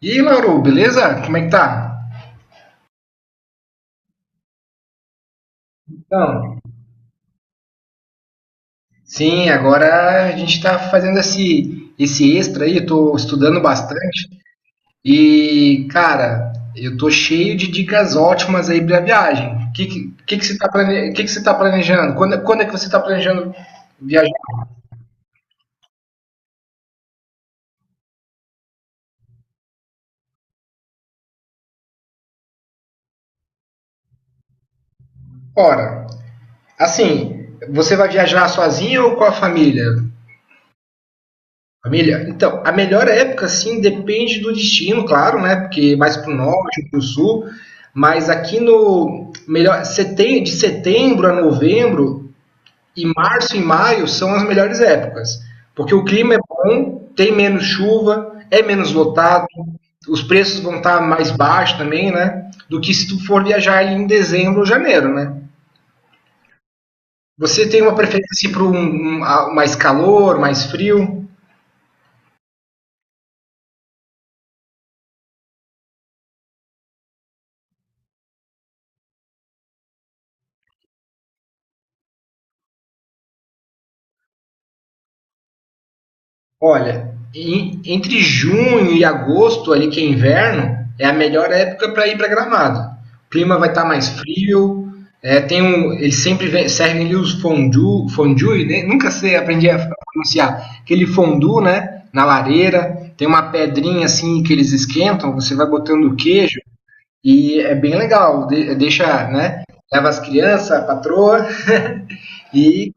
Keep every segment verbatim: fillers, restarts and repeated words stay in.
E aí, Lauro, beleza? Como é que tá? Então, sim, agora a gente tá fazendo esse, esse extra aí, eu tô estudando bastante e, cara, eu tô cheio de dicas ótimas aí pra viagem. O que, que, que, que, você tá plane... que, que você tá planejando? Quando, quando é que você tá planejando viajar fora? Assim, você vai viajar sozinho ou com a família? Família, então, a melhor época, sim, depende do destino, claro, né? Porque mais para o norte, para o sul. Mas aqui no melhor setem- de setembro a novembro e março e maio são as melhores épocas, porque o clima é bom, tem menos chuva, é menos lotado, os preços vão estar mais baixos também, né? Do que se tu for viajar em dezembro ou janeiro, né? Você tem uma preferência para um, um, a- mais calor, mais frio? Olha, em- entre junho e agosto, ali que é inverno, é a melhor época para ir para Gramado. O clima vai estar mais frio. É, tem um, eles sempre ve- servem ali os fondue, fondue, né? Nunca sei, aprendi a pronunciar. Aquele fondue, né? Na lareira, tem uma pedrinha assim que eles esquentam, você vai botando o queijo e é bem legal. De- deixa, né? Leva as crianças, a patroa e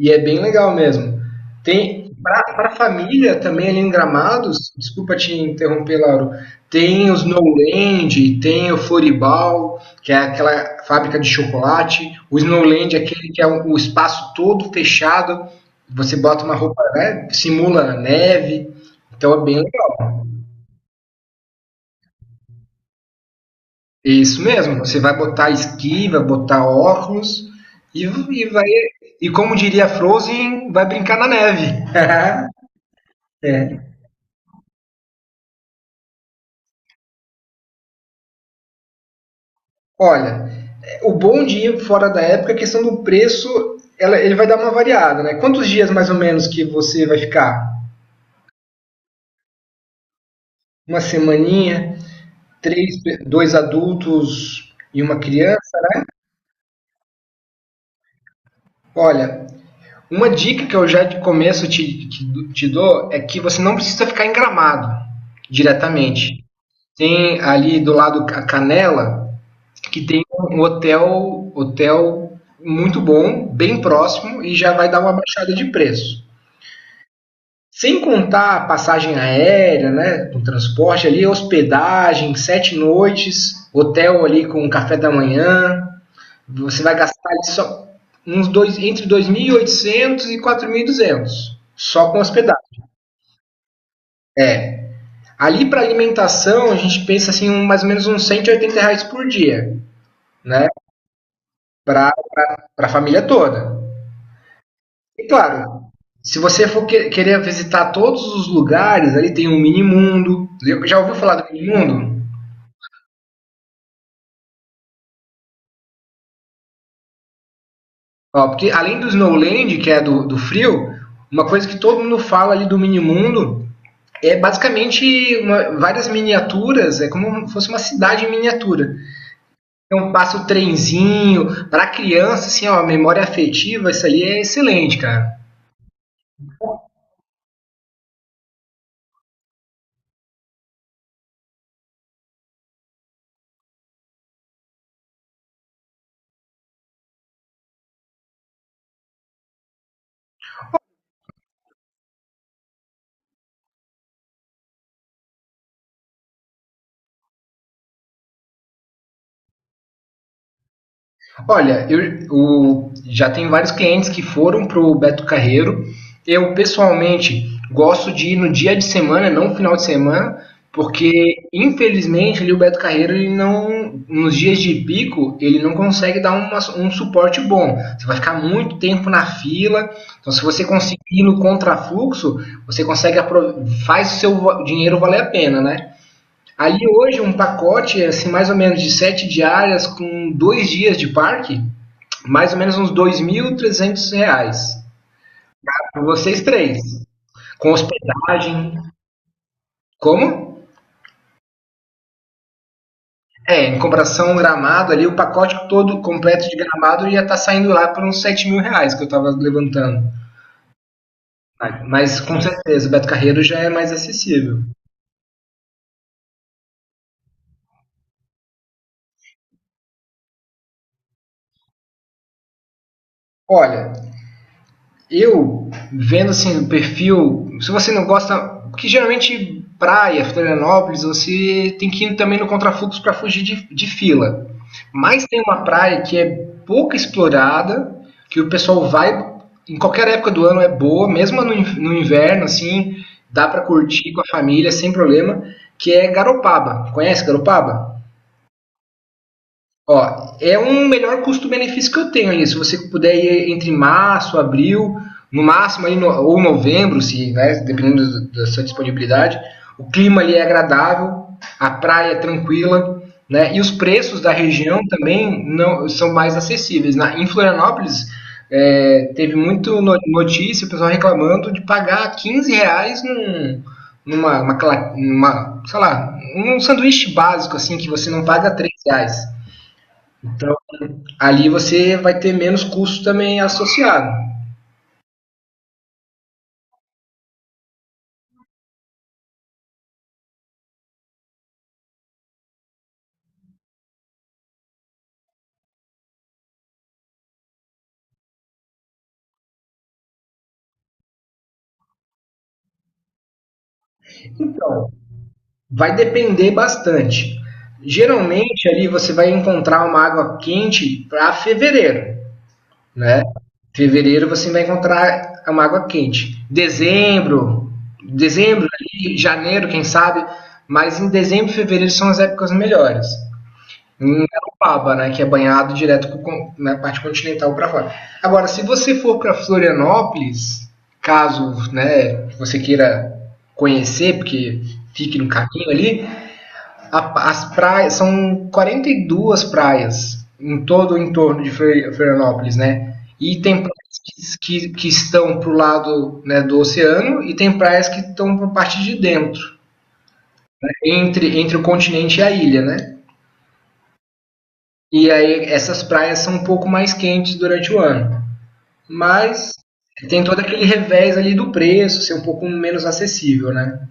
e é bem legal mesmo. Tem para a família também ali em Gramados, desculpa te interromper, Lauro. Tem os Snowland, tem o Floribal, que é aquela fábrica de chocolate. O Snowland é aquele que é o o espaço todo fechado. Você bota uma roupa, né, simula neve. Então é bem legal. É isso mesmo. Você vai botar esqui, vai botar óculos e, e vai e como diria Frozen, vai brincar na neve. Olha, o bom de ir fora da época é a questão do preço, ela- ele vai dar uma variada, né? Quantos dias mais ou menos que você vai ficar? Uma semaninha, três, dois adultos e uma criança? Olha, uma dica que eu já de começo te, te, te dou é que você não precisa ficar em Gramado diretamente. Tem ali do lado a Canela, que tem um hotel, hotel muito bom, bem próximo e já vai dar uma baixada de preço. Sem contar a passagem aérea, né? O transporte ali, hospedagem, sete noites, hotel ali com café da manhã. Você vai gastar só uns dois, entre dois mil e oitocentos e e quatro mil e duzentos só com hospedagem. É. Ali para alimentação, a gente pensa assim, um, mais ou menos uns cento e oitenta reais por dia, né? Para a família toda. E claro, se você for que- querer visitar todos os lugares, ali tem o Mini Mundo. Já ouviu falar do Mini Mundo? Ó, porque além do Snowland, que é do, do, frio, uma coisa que todo mundo fala ali do mini-mundo é basicamente uma- várias miniaturas, é como se fosse uma cidade em miniatura. Então passa o trenzinho, para criança, assim, ó, memória afetiva, isso ali é excelente, cara. Olha, eu o- já tenho vários clientes que foram pro Beto Carreiro. Eu pessoalmente gosto de ir no dia de semana, não no final de semana, porque infelizmente ali o Beto Carreiro ele não, nos dias de pico, ele não consegue dar uma- um suporte bom. Você vai ficar muito tempo na fila. Então, se você conseguir ir no contrafluxo, você consegue apro- faz o seu va- dinheiro valer a pena, né? Ali hoje um pacote assim mais ou menos de sete diárias com dois dias de parque, mais ou menos uns dois mil e trezentos reais. Pra vocês três, com hospedagem. Como? É, em comparação Gramado ali, o pacote todo completo de Gramado ia estar tá saindo lá por uns sete mil reais, que eu estava levantando. Mas com certeza, o Beto Carreiro já é mais acessível. Olha, eu vendo assim o perfil, se você não gosta, que geralmente praia, Florianópolis, você tem que ir também no contrafluxo para fugir de, de, fila. Mas tem uma praia que é pouco explorada, que o pessoal vai em qualquer época do ano é boa, mesmo no, no inverno assim, dá para curtir com a família sem problema, que é Garopaba. Conhece Garopaba? Ó, é um melhor custo-benefício que eu tenho aí. Se você puder ir entre março, abril, no máximo aí no- ou novembro, se, né, dependendo do- da sua disponibilidade. O clima ali é agradável, a praia é tranquila, né? E os preços da região também não são mais acessíveis. Na, em Florianópolis é, teve muito no- notícia, o pessoal reclamando de pagar quinze reais num, numa, uma cla- sei lá, um sanduíche básico assim que você não paga três reais. Então, ali você vai ter menos custo também associado. Então, vai depender bastante. Geralmente ali você vai encontrar uma água quente para fevereiro, né? Fevereiro você vai encontrar uma água quente. Dezembro, dezembro ali, janeiro, quem sabe, mas em dezembro e fevereiro são as épocas melhores. Em Garopaba, né, que é banhado direto com na parte continental para fora. Agora, se você for para Florianópolis, caso, né, você queira conhecer, porque fique no caminho ali, a- as praias são quarenta e duas praias em todo o entorno de Florianópolis, né? E tem praias que, que, que estão pro lado, né, do oceano e tem praias que estão para a parte de dentro, né, entre, entre o continente e a ilha, né? E aí essas praias são um pouco mais quentes durante o ano. Mas tem todo aquele revés ali do preço, ser um pouco menos acessível, né?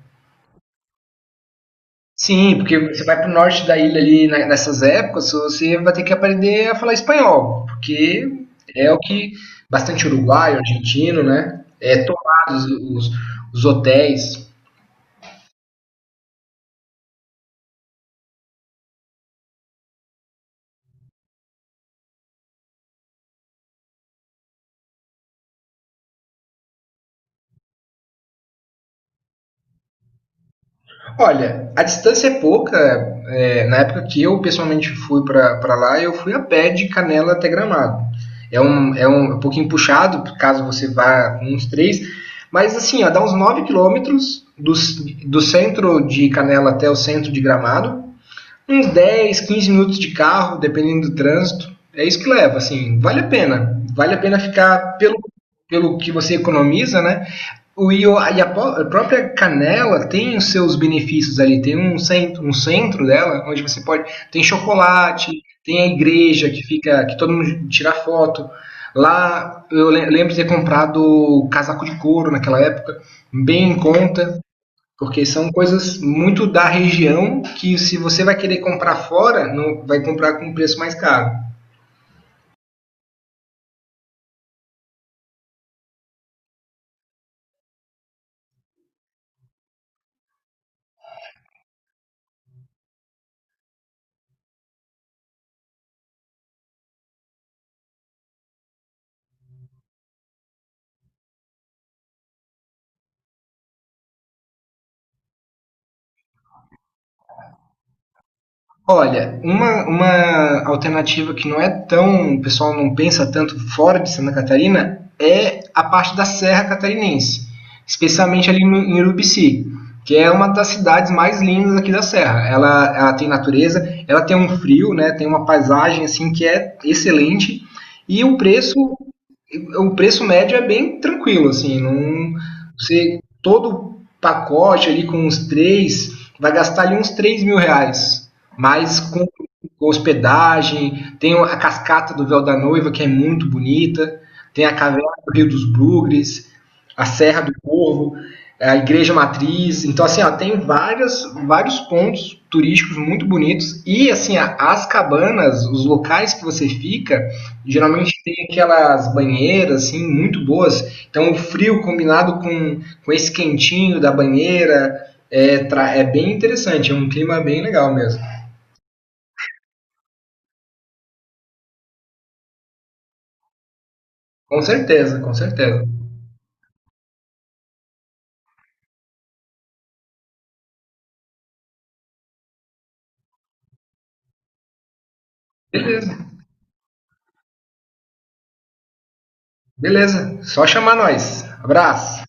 Sim, porque você vai para o norte da ilha ali na- nessas épocas, você vai ter que aprender a falar espanhol, porque é o que bastante uruguaio, argentino, né? É tomados os, os, hotéis. Olha, a distância é pouca. É, na época que eu pessoalmente fui para lá, eu fui a pé de Canela até Gramado. É um, é um, é um pouquinho puxado, caso você vá uns três. Mas assim, ó, dá uns nove quilômetros do, do, centro de Canela até o centro de Gramado, uns dez, quinze minutos de carro, dependendo do trânsito. É isso que leva. Assim, vale a pena. Vale a pena ficar pelo, pelo que você economiza, né? O, e o- e a, po- a própria Canela tem os seus benefícios ali, tem um centro, um centro dela, onde você pode. Tem chocolate, tem a igreja que fica, que todo mundo tira foto. Lá eu le- lembro de ter comprado casaco de couro naquela época, bem em conta. Porque são coisas muito da região que, se você vai querer comprar fora, não vai comprar com um preço mais caro. Olha, uma, uma alternativa, que não é tão, o pessoal não pensa tanto, fora de Santa Catarina é a parte da Serra Catarinense, especialmente ali no, em Urubici, que é uma das cidades mais lindas aqui da Serra. Ela, ela tem natureza, ela tem um frio, né, tem uma paisagem assim que é excelente, e o preço, o preço, médio é bem tranquilo assim. Não, você todo pacote ali com os três vai gastar ali uns três mil reais, mas com hospedagem, tem a cascata do Véu da Noiva, que é muito bonita, tem a caverna do Rio dos Bugres, a Serra do Corvo, a Igreja Matriz. Então, assim, ó, tem várias, vários pontos turísticos muito bonitos. E, assim, ó, as cabanas, os locais que você fica, geralmente tem aquelas banheiras, assim, muito boas. Então, o frio combinado com, com esse quentinho da banheira é, é bem interessante. É um clima bem legal mesmo. Com certeza, com certeza. Beleza, beleza. Só chamar nós. Abraço.